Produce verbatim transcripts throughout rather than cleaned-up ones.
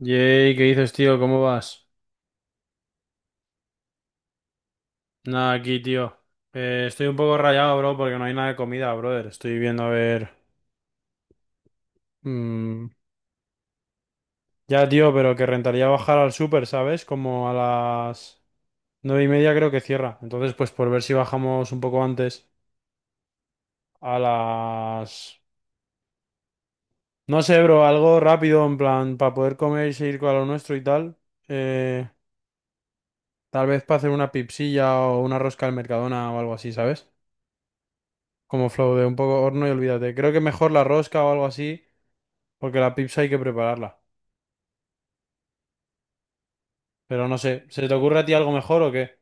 Yey, ¿qué dices, tío? ¿Cómo vas? Nada, aquí, tío. Eh, estoy un poco rayado, bro, porque no hay nada de comida, brother. Estoy viendo a ver. mm, Ya, tío, pero que rentaría bajar al súper, ¿sabes? Como a las nueve y media creo que cierra. Entonces, pues por ver si bajamos un poco antes. A las. No sé, bro, algo rápido, en plan, para poder comer y seguir con lo nuestro y tal. Eh, Tal vez para hacer una pipsilla o una rosca al Mercadona o algo así, ¿sabes? Como flow de un poco horno y olvídate. Creo que mejor la rosca o algo así, porque la pizza hay que prepararla. Pero no sé, ¿se te ocurre a ti algo mejor o qué?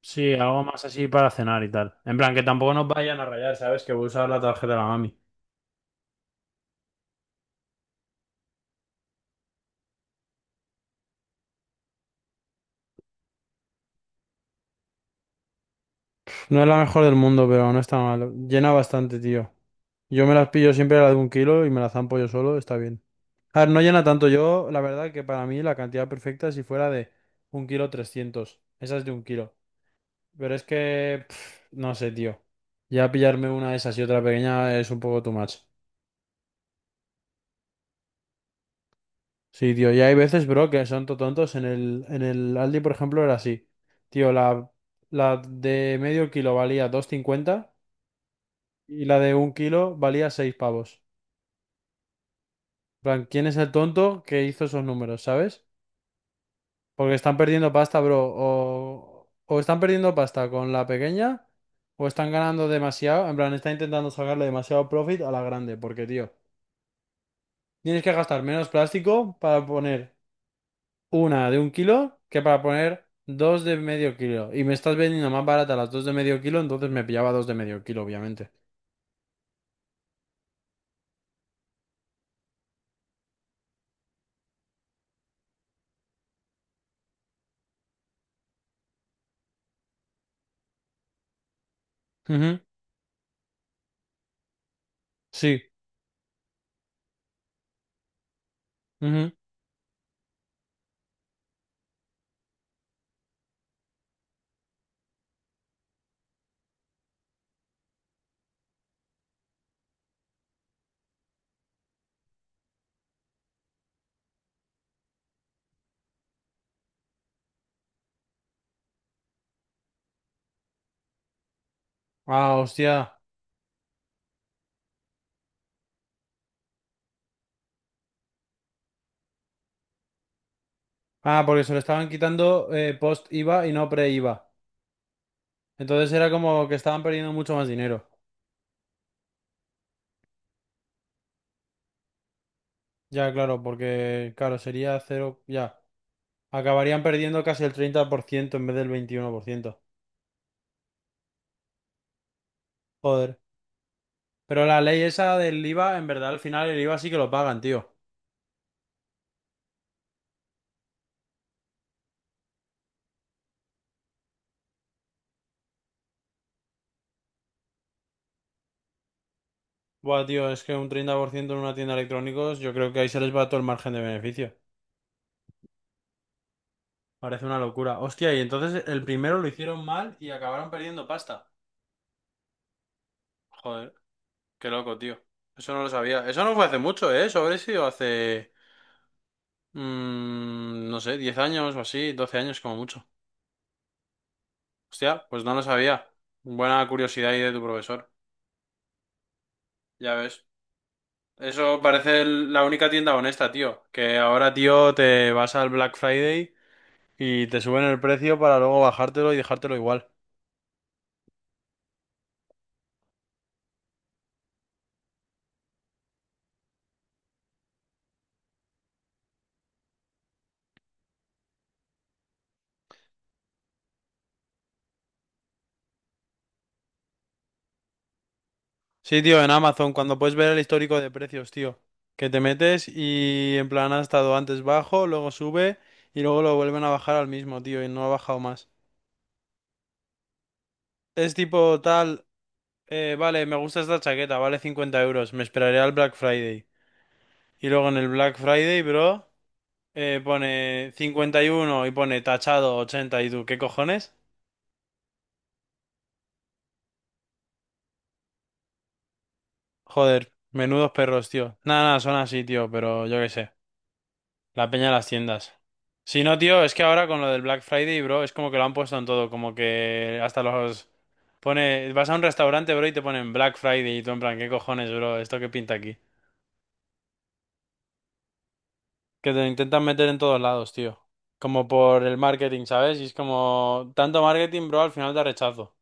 Sí, algo más así para cenar y tal. En plan, que tampoco nos vayan a rayar, ¿sabes? Que voy a usar la tarjeta de la mami. No es la mejor del mundo, pero no está mal. Llena bastante, tío. Yo me las pillo siempre la de un kilo y me las zampo yo solo, está bien. A ver, no llena tanto. Yo, la verdad que para mí la cantidad perfecta si fuera de un kilo trescientos. Esa es de un kilo. Pero es que, pf, no sé, tío. Ya pillarme una de esas y otra pequeña es un poco too much. Sí, tío. Y hay veces, bro, que son to- tontos. En el, en el Aldi, por ejemplo, era así. Tío, la, la de medio kilo valía dos cincuenta y la de un kilo valía seis pavos. En plan, ¿quién es el tonto que hizo esos números, sabes? Porque están perdiendo pasta, bro. O, o están perdiendo pasta con la pequeña o están ganando demasiado. En plan, están intentando sacarle demasiado profit a la grande. Porque, tío. Tienes que gastar menos plástico para poner una de un kilo que para poner dos de medio kilo. Y me estás vendiendo más barata las dos de medio kilo, entonces me pillaba dos de medio kilo, obviamente. Ujú, sí. Ujú. Ah, hostia. Ah, porque se lo estaban quitando eh, post I V A y no pre I V A. Entonces era como que estaban perdiendo mucho más dinero. Ya, claro, porque, claro, sería cero. Ya. Acabarían perdiendo casi el treinta por ciento en vez del veintiuno por ciento. Joder. Pero la ley esa del I V A, en verdad, al final el I V A sí que lo pagan, tío. Buah, tío, es que un treinta por ciento en una tienda de electrónicos, yo creo que ahí se les va todo el margen de beneficio. Parece una locura. Hostia, y entonces el primero lo hicieron mal y acabaron perdiendo pasta. Joder, qué loco, tío. Eso no lo sabía. Eso no fue hace mucho, ¿eh? Eso habrá sido hace... mm, no sé, diez años o así, doce años como mucho. Hostia, pues no lo sabía. Buena curiosidad ahí de tu profesor. Ya ves. Eso parece el- la única tienda honesta, tío. Que ahora, tío, te vas al Black Friday. Y te suben el precio para luego bajártelo y dejártelo igual. Sí, tío, en Amazon, cuando puedes ver el histórico de precios, tío. Que te metes y en plan ha estado antes bajo, luego sube y luego lo vuelven a bajar al mismo, tío, y no ha bajado más. Es tipo tal, eh, vale, me gusta esta chaqueta, vale cincuenta euros, me esperaré al Black Friday. Y luego en el Black Friday, bro, eh, pone cincuenta y uno y uno y pone tachado ochenta y tú, ¿qué cojones? Joder, menudos perros, tío. Nada, nada, son así, tío, pero yo qué sé. La peña de las tiendas. Si no, tío, es que ahora con lo del Black Friday, bro, es como que lo han puesto en todo, como que hasta los... Pone, vas a un restaurante, bro, y te ponen Black Friday y tú en plan, ¿qué cojones, bro? ¿Esto qué pinta aquí? Que te lo intentan meter en todos lados, tío. Como por el marketing, ¿sabes? Y es como, tanto marketing, bro, al final da rechazo.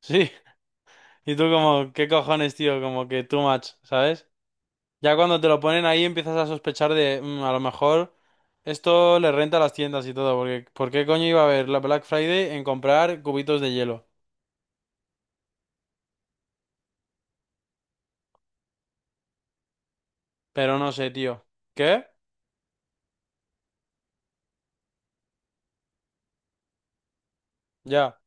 Sí. Y tú como, ¿qué cojones, tío? Como que too much, ¿sabes? Ya cuando te lo ponen ahí empiezas a sospechar de, "Mm, a lo mejor esto le renta a las tiendas y todo, porque ¿por qué coño iba a haber la Black Friday en comprar cubitos de hielo?" Pero no sé, tío. ¿Qué? Ya.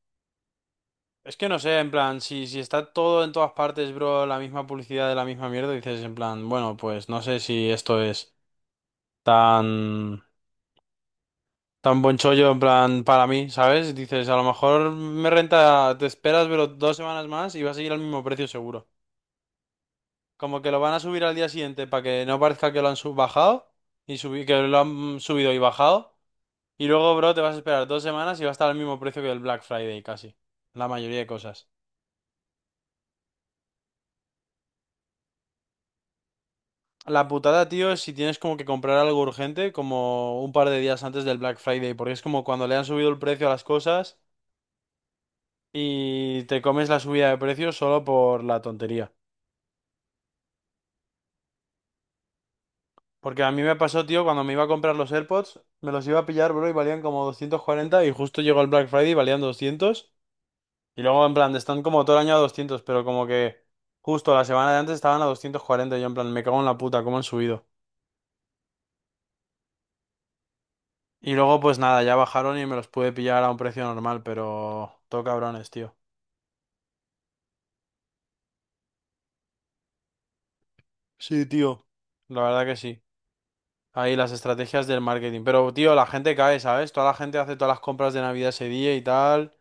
Es que no sé, en plan, si, si está todo en todas partes, bro, la misma publicidad de la misma mierda, dices en plan, bueno, pues no sé si esto es tan, tan buen chollo en plan para mí, ¿sabes? Dices, a lo mejor me renta, te esperas, pero dos semanas más y va a seguir al mismo precio seguro. Como que lo van a subir al día siguiente para que no parezca que lo han sub bajado y subi- que lo han subido y bajado. Y luego, bro, te vas a esperar dos semanas y va a estar al mismo precio que el Black Friday casi. La mayoría de cosas. La putada, tío, es si tienes como que comprar algo urgente como un par de días antes del Black Friday, porque es como cuando le han subido el precio a las cosas y te comes la subida de precio solo por la tontería. Porque a mí me pasó, tío, cuando me iba a comprar los AirPods, me los iba a pillar, bro, y valían como doscientos cuarenta y justo llegó el Black Friday y valían doscientos. Y luego, en plan, están como todo el año a doscientos pero como que justo la semana de antes estaban a doscientos cuarenta. Y yo, en plan, me cago en la puta, cómo han subido. Y luego, pues nada, ya bajaron y me los pude pillar a un precio normal, pero todo cabrones, tío. Sí, tío. La verdad que sí. Ahí las estrategias del marketing. Pero, tío, la gente cae, ¿sabes? Toda la gente hace todas las compras de Navidad ese día y tal,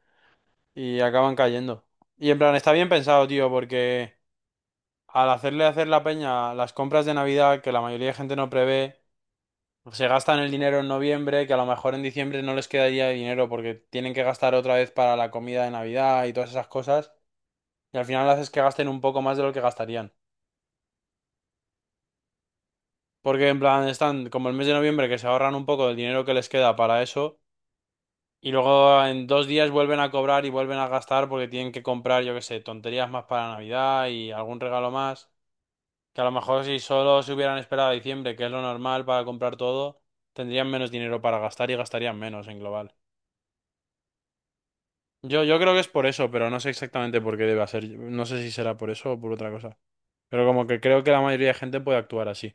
y acaban cayendo. Y en plan, está bien pensado, tío, porque al hacerle hacer la peña las compras de Navidad, que la mayoría de gente no prevé, se gastan el dinero en noviembre, que a lo mejor en diciembre no les quedaría dinero porque tienen que gastar otra vez para la comida de Navidad y todas esas cosas. Y al final haces que gasten un poco más de lo que gastarían. Porque en plan están como el mes de noviembre que se ahorran un poco del dinero que les queda para eso. Y luego en dos días vuelven a cobrar y vuelven a gastar porque tienen que comprar, yo qué sé, tonterías más para Navidad y algún regalo más. Que a lo mejor si solo se hubieran esperado a diciembre, que es lo normal para comprar todo, tendrían menos dinero para gastar y gastarían menos en global. Yo, yo creo que es por eso, pero no sé exactamente por qué debe ser. No sé si será por eso o por otra cosa. Pero como que creo que la mayoría de gente puede actuar así.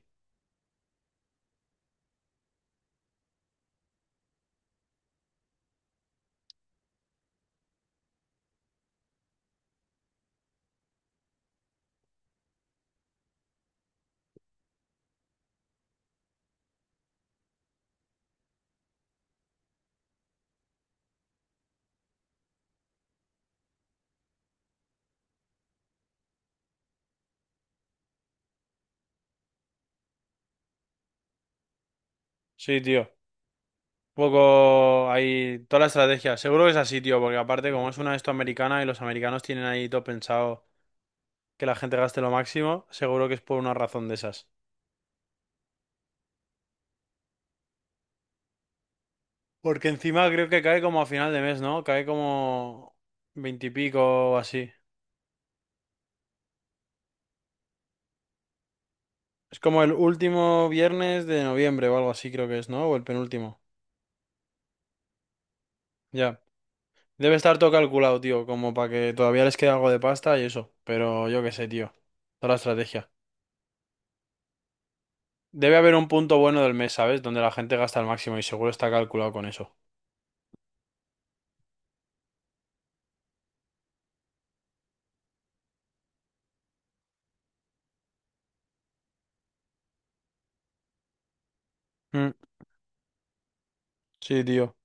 Sí, tío. Poco ahí, toda la estrategia. Seguro que es así, tío, porque aparte como es una de esto americana y los americanos tienen ahí todo pensado que la gente gaste lo máximo, seguro que es por una razón de esas. Porque encima creo que cae como a final de mes, ¿no? Cae como veintipico o así. Es como el último viernes de noviembre o algo así creo que es, ¿no? O el penúltimo. Ya. Debe estar todo calculado, tío, como para que todavía les quede algo de pasta y eso. Pero yo qué sé, tío. Toda la estrategia. Debe haber un punto bueno del mes, ¿sabes? Donde la gente gasta el máximo y seguro está calculado con eso. Mm, sí, tío.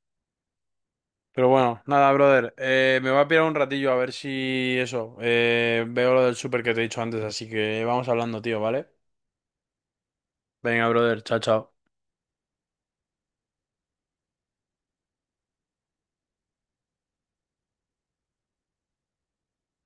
Pero bueno, nada, brother. Eh, me voy a pirar un ratillo a ver si eso. Eh, veo lo del súper que te he dicho antes, así que vamos hablando, tío, ¿vale? Venga, brother. Chao, chao.